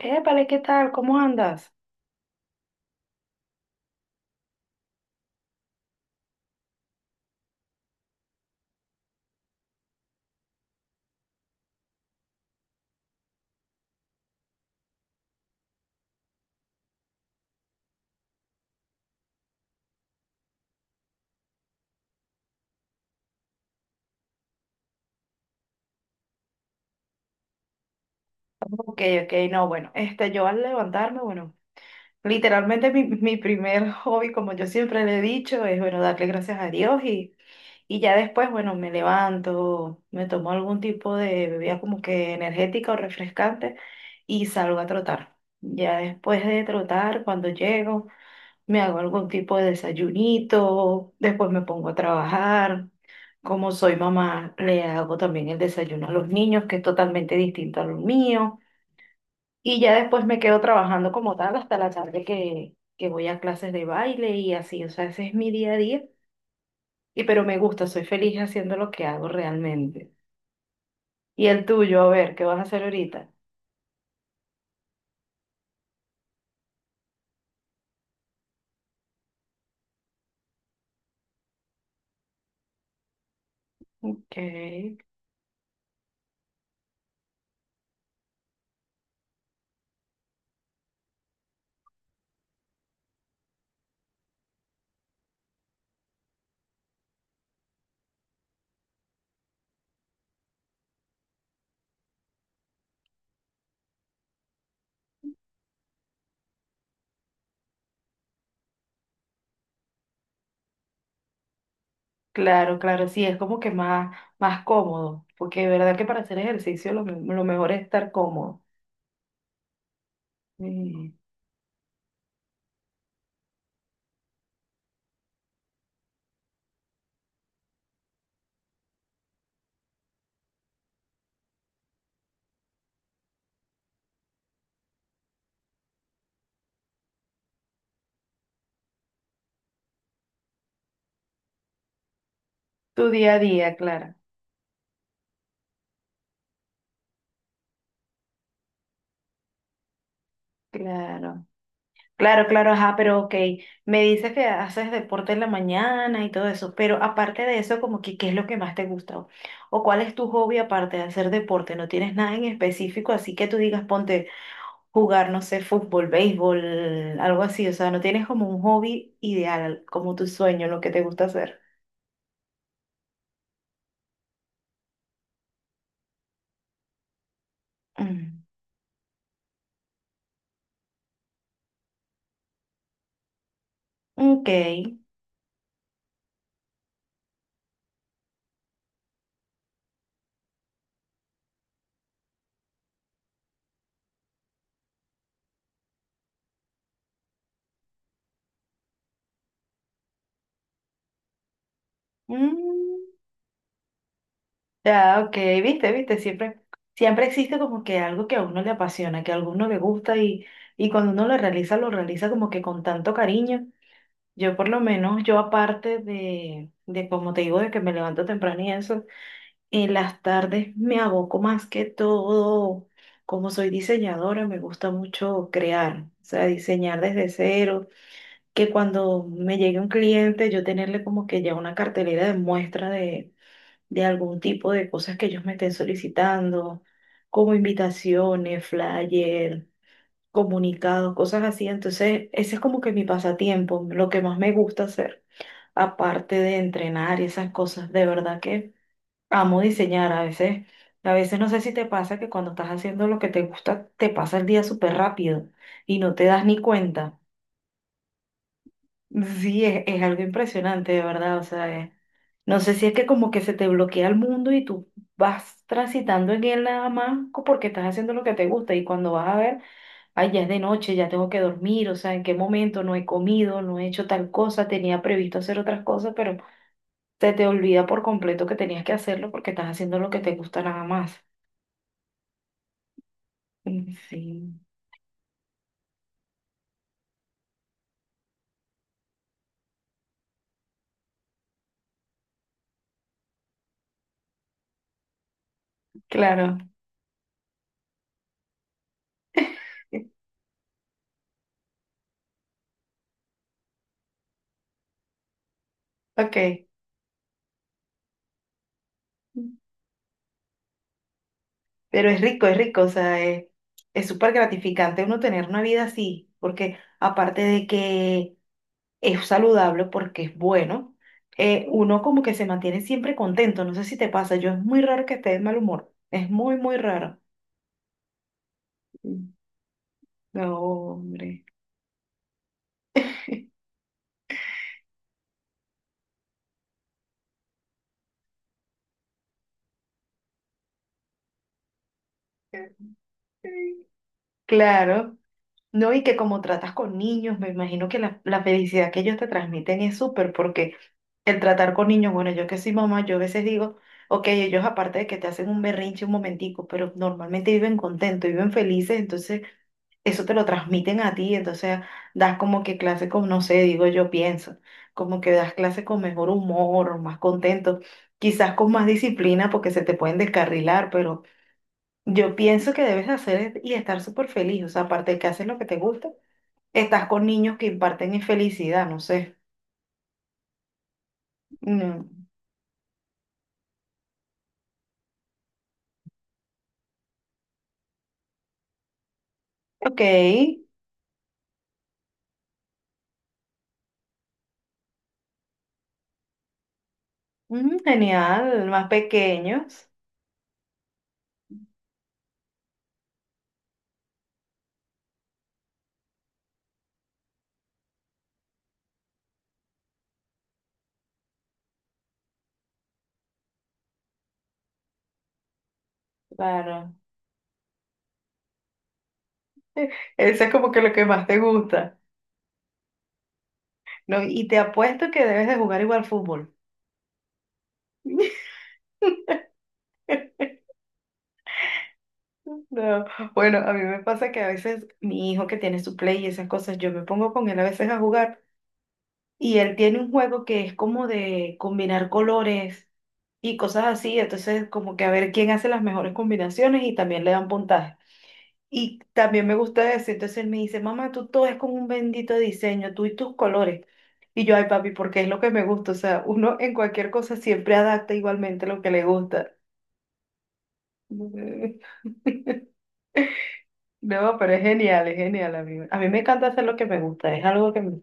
Épale, ¿qué tal? ¿Cómo andas? Ok, ok, no, bueno, yo al levantarme, bueno, literalmente mi primer hobby, como yo siempre le he dicho, es, bueno, darle gracias a Dios y ya después, bueno, me levanto, me tomo algún tipo de bebida como que energética o refrescante y salgo a trotar. Ya después de trotar, cuando llego, me hago algún tipo de desayunito, después me pongo a trabajar. Como soy mamá, le hago también el desayuno a los niños, que es totalmente distinto a lo mío. Y ya después me quedo trabajando como tal hasta la tarde que voy a clases de baile y así. O sea, ese es mi día a día. Y pero me gusta, soy feliz haciendo lo que hago realmente. Y el tuyo, a ver, ¿qué vas a hacer ahorita? Ok, claro, claro, sí, es como que más, más cómodo, porque de verdad que para hacer ejercicio lo mejor es estar cómodo. Sí. Tu día a día, claro, claro, claro, claro, ajá, pero ok, me dices que haces deporte en la mañana y todo eso, pero aparte de eso, como que, ¿qué es lo que más te gusta? ¿O cuál es tu hobby aparte de hacer deporte? ¿No tienes nada en específico? Así que tú digas, ponte jugar, no sé, fútbol, béisbol, algo así, o sea, no tienes como un hobby ideal, como tu sueño, lo que te gusta hacer. Mm. Ok. Mm. Ya, ok, viste, viste, siempre, siempre existe como que algo que a uno le apasiona, que a alguno le gusta y cuando uno lo realiza como que con tanto cariño. Yo por lo menos, yo aparte de como te digo, de que me levanto temprano y eso, en las tardes me aboco más que todo, como soy diseñadora, me gusta mucho crear, o sea, diseñar desde cero, que cuando me llegue un cliente, yo tenerle como que ya una cartelera de muestra de algún tipo de cosas que ellos me estén solicitando, como invitaciones, flyer, comunicados, cosas así. Entonces, ese es como que mi pasatiempo, lo que más me gusta hacer, aparte de entrenar y esas cosas. De verdad que amo diseñar a veces. A veces no sé si te pasa que cuando estás haciendo lo que te gusta, te pasa el día súper rápido y no te das ni cuenta. Sí, es algo impresionante, de verdad. O sea, no sé si es que como que se te bloquea el mundo y tú vas transitando en él nada más porque estás haciendo lo que te gusta y cuando vas a ver, ay, ya es de noche, ya tengo que dormir, o sea, en qué momento no he comido, no he hecho tal cosa, tenía previsto hacer otras cosas, pero se te olvida por completo que tenías que hacerlo porque estás haciendo lo que te gusta nada más. Mm. Sí, claro. Ok. Pero es rico, o sea, es súper gratificante uno tener una vida así, porque aparte de que es saludable, porque es bueno, uno como que se mantiene siempre contento, no sé si te pasa, yo es muy raro que esté de mal humor, es muy, muy raro. Mm. No, hombre. Claro, no, y que como tratas con niños, me imagino que la felicidad que ellos te transmiten es súper, porque el tratar con niños, bueno, yo que soy mamá, yo a veces digo, ok, ellos aparte de que te hacen un berrinche un momentico, pero normalmente viven contentos, viven felices, entonces eso te lo transmiten a ti, entonces das como que clase con, no sé, digo yo pienso, como que das clase con mejor humor, más contento, quizás con más disciplina porque se te pueden descarrilar, pero yo pienso que debes de hacer y estar súper feliz, o sea, aparte de que haces lo que te gusta, estás con niños que imparten infelicidad no sé. Mm. Ok. Mm, genial, más pequeños, claro. Eso es como que lo que más te gusta, ¿no? Y te apuesto que debes de jugar igual fútbol. No, bueno, a mí me pasa que a veces mi hijo que tiene su play y esas cosas, yo me pongo con él a veces a jugar y él tiene un juego que es como de combinar colores y cosas así, entonces como que a ver quién hace las mejores combinaciones y también le dan puntaje. Y también me gusta decir, entonces él me dice, mamá, tú todo es con un bendito diseño, tú y tus colores. Y yo, ay, papi, porque es lo que me gusta. O sea, uno en cualquier cosa siempre adapta igualmente lo que le gusta. No, pero es genial, amigo. A mí me encanta hacer lo que me gusta, es algo que me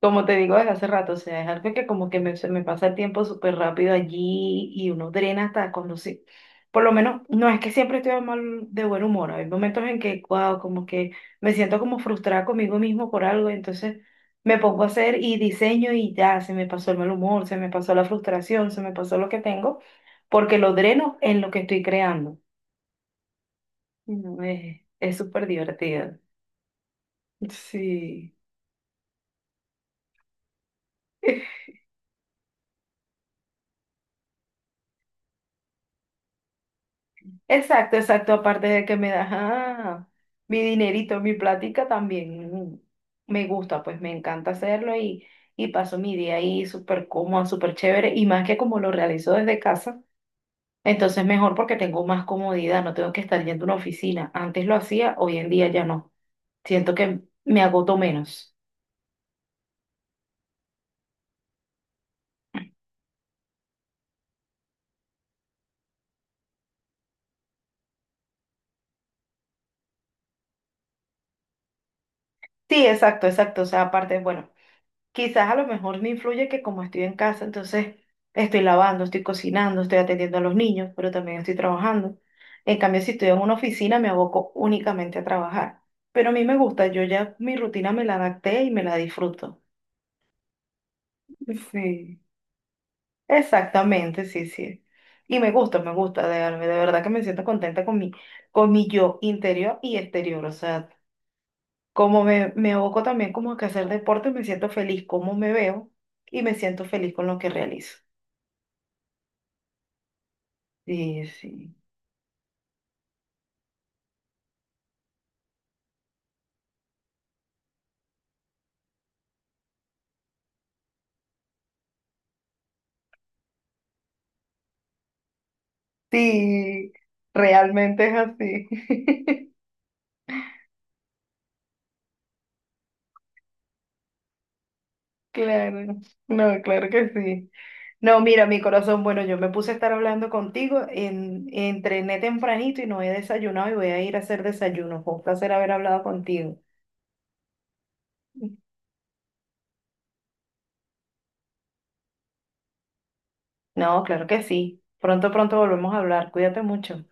Como te digo desde hace rato, o sea, es algo que como que se me pasa el tiempo súper rápido allí y uno drena hasta cuando sí. Por lo menos, no es que siempre estoy de mal, de buen humor. Hay momentos en que, wow, como que me siento como frustrada conmigo mismo por algo, entonces me pongo a hacer y diseño y ya, se me pasó el mal humor, se me pasó la frustración, se me pasó lo que tengo, porque lo dreno en lo que estoy creando. Y no, es súper divertido. Sí. Exacto, exacto. Aparte de que me das mi dinerito, mi plática, también me gusta, pues me encanta hacerlo y paso mi día ahí súper cómoda, súper chévere. Y más que como lo realizo desde casa, entonces mejor porque tengo más comodidad, no tengo que estar yendo a una oficina. Antes lo hacía, hoy en día ya no. Siento que me agoto menos. Sí, exacto, exacto. O sea, aparte, bueno. Quizás a lo mejor me influye que como estoy en casa, entonces estoy lavando, estoy cocinando, estoy atendiendo a los niños, pero también estoy trabajando. En cambio, si estoy en una oficina, me aboco únicamente a trabajar. Pero a mí me gusta, yo ya mi rutina me la adapté y me la disfruto. Sí, exactamente, sí, sí. Y me gusta, de verdad que me siento contenta con mi yo interior y exterior. O sea, me aboco también como que a hacer deporte, me siento feliz como me veo y me siento feliz con lo que realizo. Sí, sí. Sí, realmente es así. Claro. No, claro que sí. No, mira, mi corazón, bueno, yo me puse a estar hablando contigo, entrené tempranito y no he desayunado y voy a ir a hacer desayuno. Fue un placer haber hablado contigo. No, claro que sí. Pronto, pronto volvemos a hablar. Cuídate mucho.